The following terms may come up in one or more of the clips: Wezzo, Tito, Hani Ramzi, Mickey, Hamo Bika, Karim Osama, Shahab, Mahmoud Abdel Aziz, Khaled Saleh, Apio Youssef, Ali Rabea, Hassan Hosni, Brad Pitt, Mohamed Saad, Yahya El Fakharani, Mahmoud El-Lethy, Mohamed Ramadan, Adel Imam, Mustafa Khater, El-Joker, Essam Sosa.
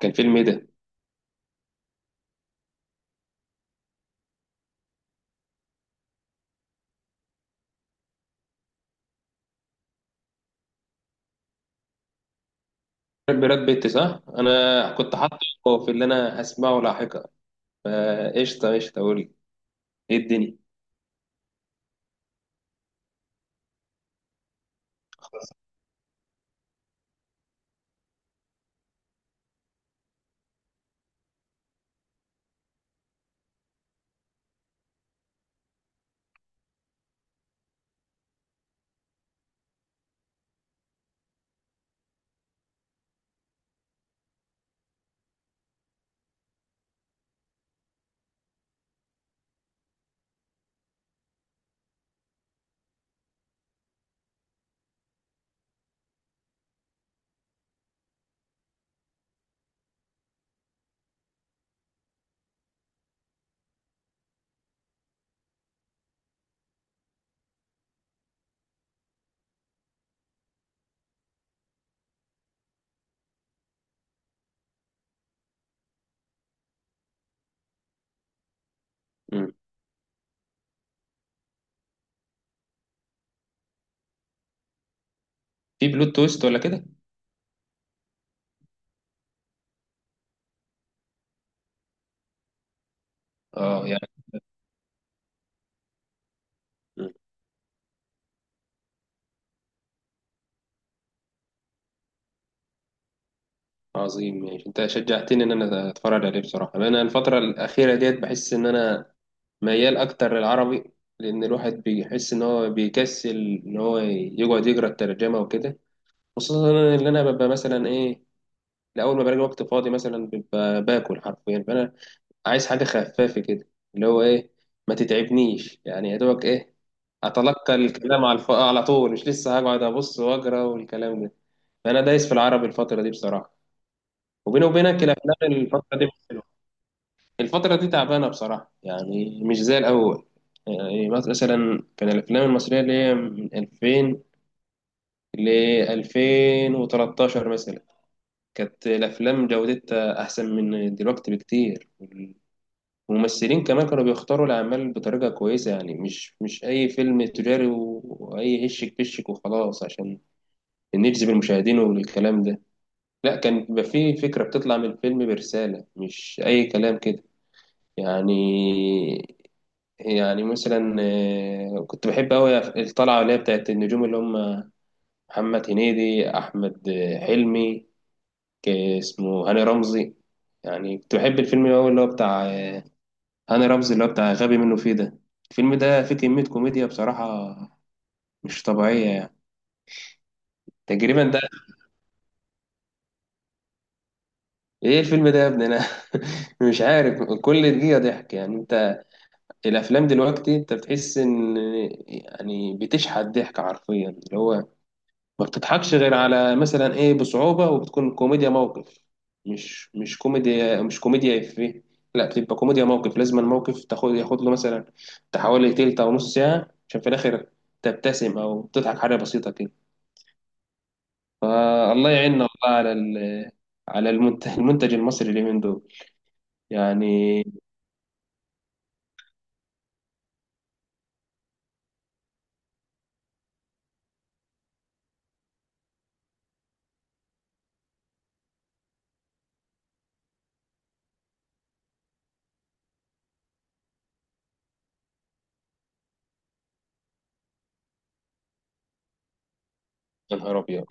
كان فيلم ايه ده؟ براد بيت صح؟ انا كنت حاطه في اللي انا هسمعه لاحقا فقشطه قشطه قول لي. ايه الدنيا؟ مم. في بلوت تويست ولا كده؟ اه يعني. مم. عظيم ماشي، انت شجعتني ان انا اتفرج عليه بصراحه. انا الفتره الاخيره ديت بحس ان انا ميال اكتر للعربي، لان الواحد بيحس ان هو بيكسل ان هو يقعد يقرا الترجمه وكده. خصوصا ان انا ببقى مثلا ايه، لاول ما بلاقي وقت فاضي مثلا ببقى باكل حرفيا، فانا عايز حاجة خفافة كده اللي هو إيه، ما تتعبنيش يعني، يا دوبك إيه أتلقى الكلام على على طول، مش لسه هقعد أبص وأقرأ والكلام ده. فأنا دايس في العربي الفترة دي بصراحة، وبيني وبينك الأفلام الفترة دي مش حلوة. الفترة دي تعبانة بصراحة، يعني مش زي الأول. يعني مثلا كان الأفلام المصرية اللي هي من 2000 ل 2013 مثلا، كانت الأفلام جودتها أحسن من دلوقتي بكتير. الممثلين كمان كانوا بيختاروا الأعمال بطريقة كويسة، يعني مش أي فيلم تجاري وأي هشك بشك وخلاص عشان نجذب المشاهدين والكلام ده. لا، كان بيبقى فيه فكرة بتطلع من الفيلم برسالة، مش أي كلام كده يعني. مثلا كنت بحب أوي الطلعة اللي هي بتاعت النجوم اللي هم محمد هنيدي، أحمد حلمي، اسمه هاني رمزي. يعني كنت بحب الفيلم أوي اللي هو بتاع هاني رمزي، اللي هو بتاع غبي منه فيه ده. الفيلم ده فيه كمية كوميديا بصراحة مش طبيعية يعني. تقريبا ده، ايه الفيلم ده يا ابني انا مش عارف. كل دقيقة ضحك يعني. انت الافلام دلوقتي انت بتحس ان يعني بتشحت ضحك حرفيا، اللي هو ما بتضحكش غير على مثلا ايه، بصعوبة، وبتكون كوميديا موقف. مش كوميديا، مش كوميديا إفيه، لا بتبقى كوميديا موقف، لازم الموقف ياخد له مثلا بتاع حوالي تلت او نص ساعة عشان في الاخر تبتسم او تضحك حاجة بسيطة كده. فالله يعيننا والله على على المنتج المصري اليومين دول يعني. يا نهار ابيض.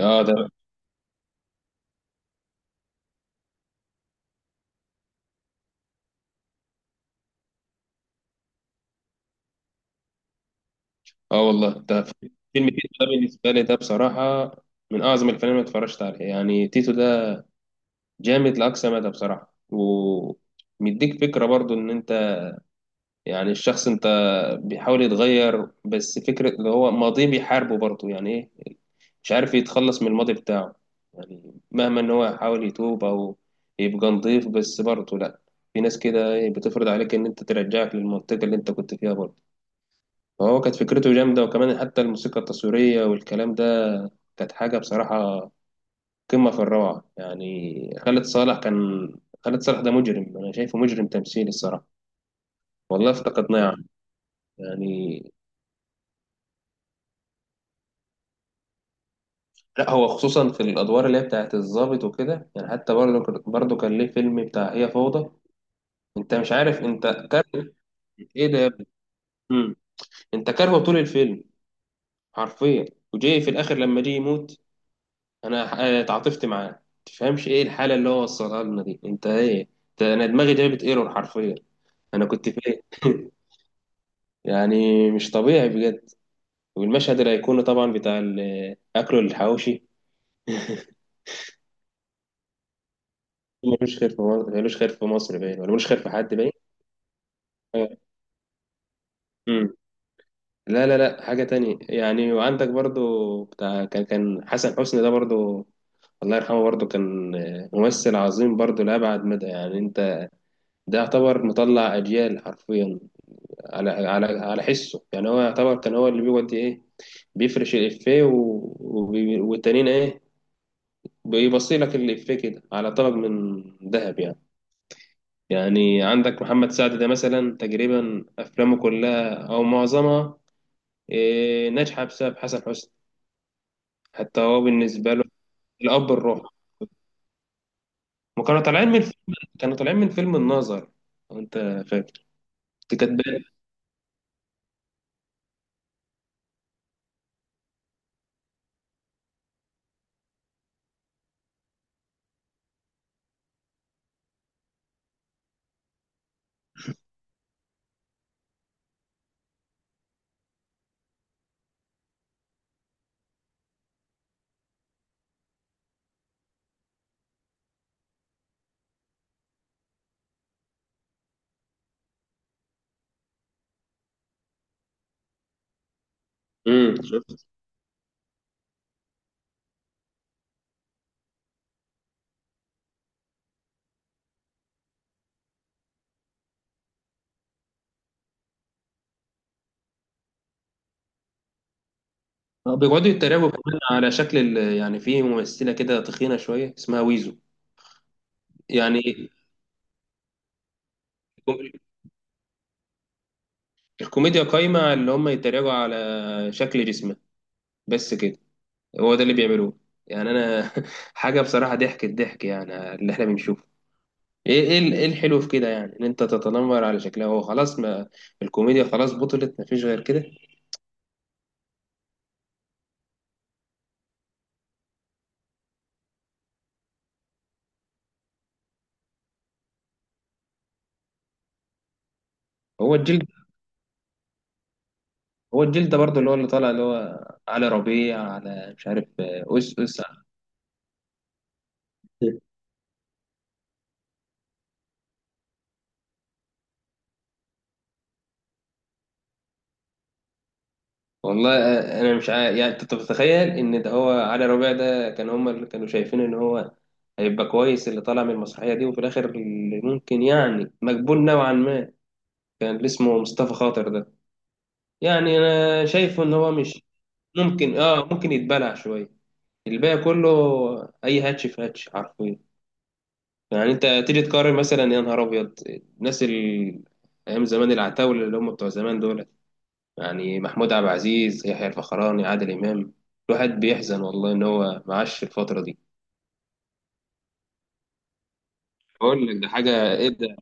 اه ده. اه والله ده. فيلم تيتو ده بالنسبة لي، ده بصراحة من أعظم الافلام اللي اتفرجت عليها. يعني تيتو ده جامد لأقصى مدى بصراحة، ومديك فكرة برضو إن أنت يعني الشخص أنت بيحاول يتغير، بس فكرة اللي هو ماضيه بيحاربه برضو يعني إيه، مش عارف يتخلص من الماضي بتاعه. يعني مهما إن هو يحاول يتوب أو يبقى نضيف، بس برضو لأ، في ناس كده إيه بتفرض عليك إن أنت ترجعك للمنطقة اللي أنت كنت فيها برضو. فهو كانت فكرته جامدة، وكمان حتى الموسيقى التصويرية والكلام ده كانت حاجة بصراحة قمة في الروعة. يعني خالد صالح كان، خالد صالح ده مجرم، أنا شايفه مجرم تمثيلي الصراحة. والله افتقدناه يا عم. يعني لا، هو خصوصا في الأدوار اللي هي بتاعت الضابط وكده يعني، حتى برضه كان ليه فيلم بتاع هي فوضى. أنت مش عارف أنت كاره إيه ده يا ابني. مم. أنت كارهه طول الفيلم حرفيا، وجاي في الآخر لما جه يموت أنا تعاطفت معاه. تفهمش إيه الحالة اللي هو وصلها لنا دي، أنت إيه، أنت أنا دماغي جابت إيرور حرفيا. أنا كنت فين يعني مش طبيعي بجد. والمشهد الأيقوني طبعا بتاع أكله الحواوشي. ملوش خير في مصر، ملوش خير في مصر باين، ولا ملوش خير في حد باين. آه. مم. لا لا لا، حاجة تانية يعني. وعندك برضو بتاع كان، حسن حسني ده برضو الله يرحمه، برضو كان ممثل عظيم برضو لأبعد مدى يعني. أنت ده يعتبر مطلع أجيال حرفيا، على حسه يعني. هو يعتبر كان هو اللي بيودي إيه، بيفرش الإفيه و... والتانيين إيه، بيبصي لك الإفيه كده على طبق من ذهب يعني. يعني عندك محمد سعد ده مثلا تقريبا أفلامه كلها أو معظمها إيه، ناجحة بسبب حسن حسني. حتى هو بالنسبة له الأب الروح. وكانوا طالعين من فيلم، كانوا طالعين من فيلم الناظر، لو أنت فاكر. دي كانت شفت. بيقعدوا يتريقوا كمان على شكل يعني في ممثلة كده تخينة شوية اسمها ويزو. يعني الكو- الكوميديا قايمة على اللي هم يتريقوا على شكل جسمها بس كده. هو ده اللي بيعملوه يعني. أنا حاجة بصراحة ضحك، الضحك يعني اللي احنا بنشوفه ايه، إيه الحلو في كده يعني، ان انت تتنمر على شكلها. هو خلاص، ما الكوميديا خلاص بطلت، ما فيش غير كده. هو الجلد، هو الجلد ده برضه اللي هو اللي طالع اللي هو علي ربيع، على مش عارف اس اس. والله انا مش عارف يعني. انت بتتخيل ان ده هو علي ربيع ده؟ كان هما اللي كانوا شايفين ان هو هيبقى كويس اللي طالع من المسرحيه دي. وفي الاخر اللي ممكن يعني مقبول نوعا ما كان اللي اسمه مصطفى خاطر ده. يعني انا شايفه ان هو مش ممكن، اه ممكن يتبلع شويه، الباقي كله اي هاتش في هاتش حرفيا. يعني انت تيجي تقارن مثلا يا نهار ابيض الناس ال... ايام زمان العتاوله اللي هم بتوع زمان دول، يعني محمود عبد العزيز، يحيى الفخراني، عادل امام. الواحد بيحزن والله ان هو معاش الفتره دي. بقول لك ده حاجه ايه ده.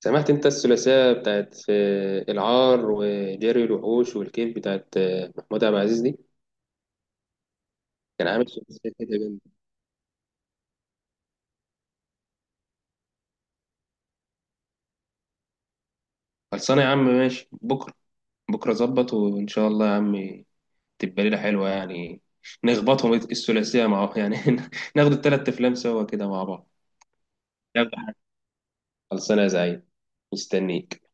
سمعت انت الثلاثيه بتاعت العار وجري الوحوش والكيف بتاعت محمود عبد العزيز دي؟ كان عامل ثلاثيه كده جامده. خلصانه يا عم، ماشي بكره. بكره ظبط وان شاء الله يا عم، تبقى ليلة حلوة يعني. نخبطهم الثلاثية مع يعني ناخد التلات أفلام سوا كده مع بعض. يلا يا حاج. خلصانة يا زعيم، مستنيك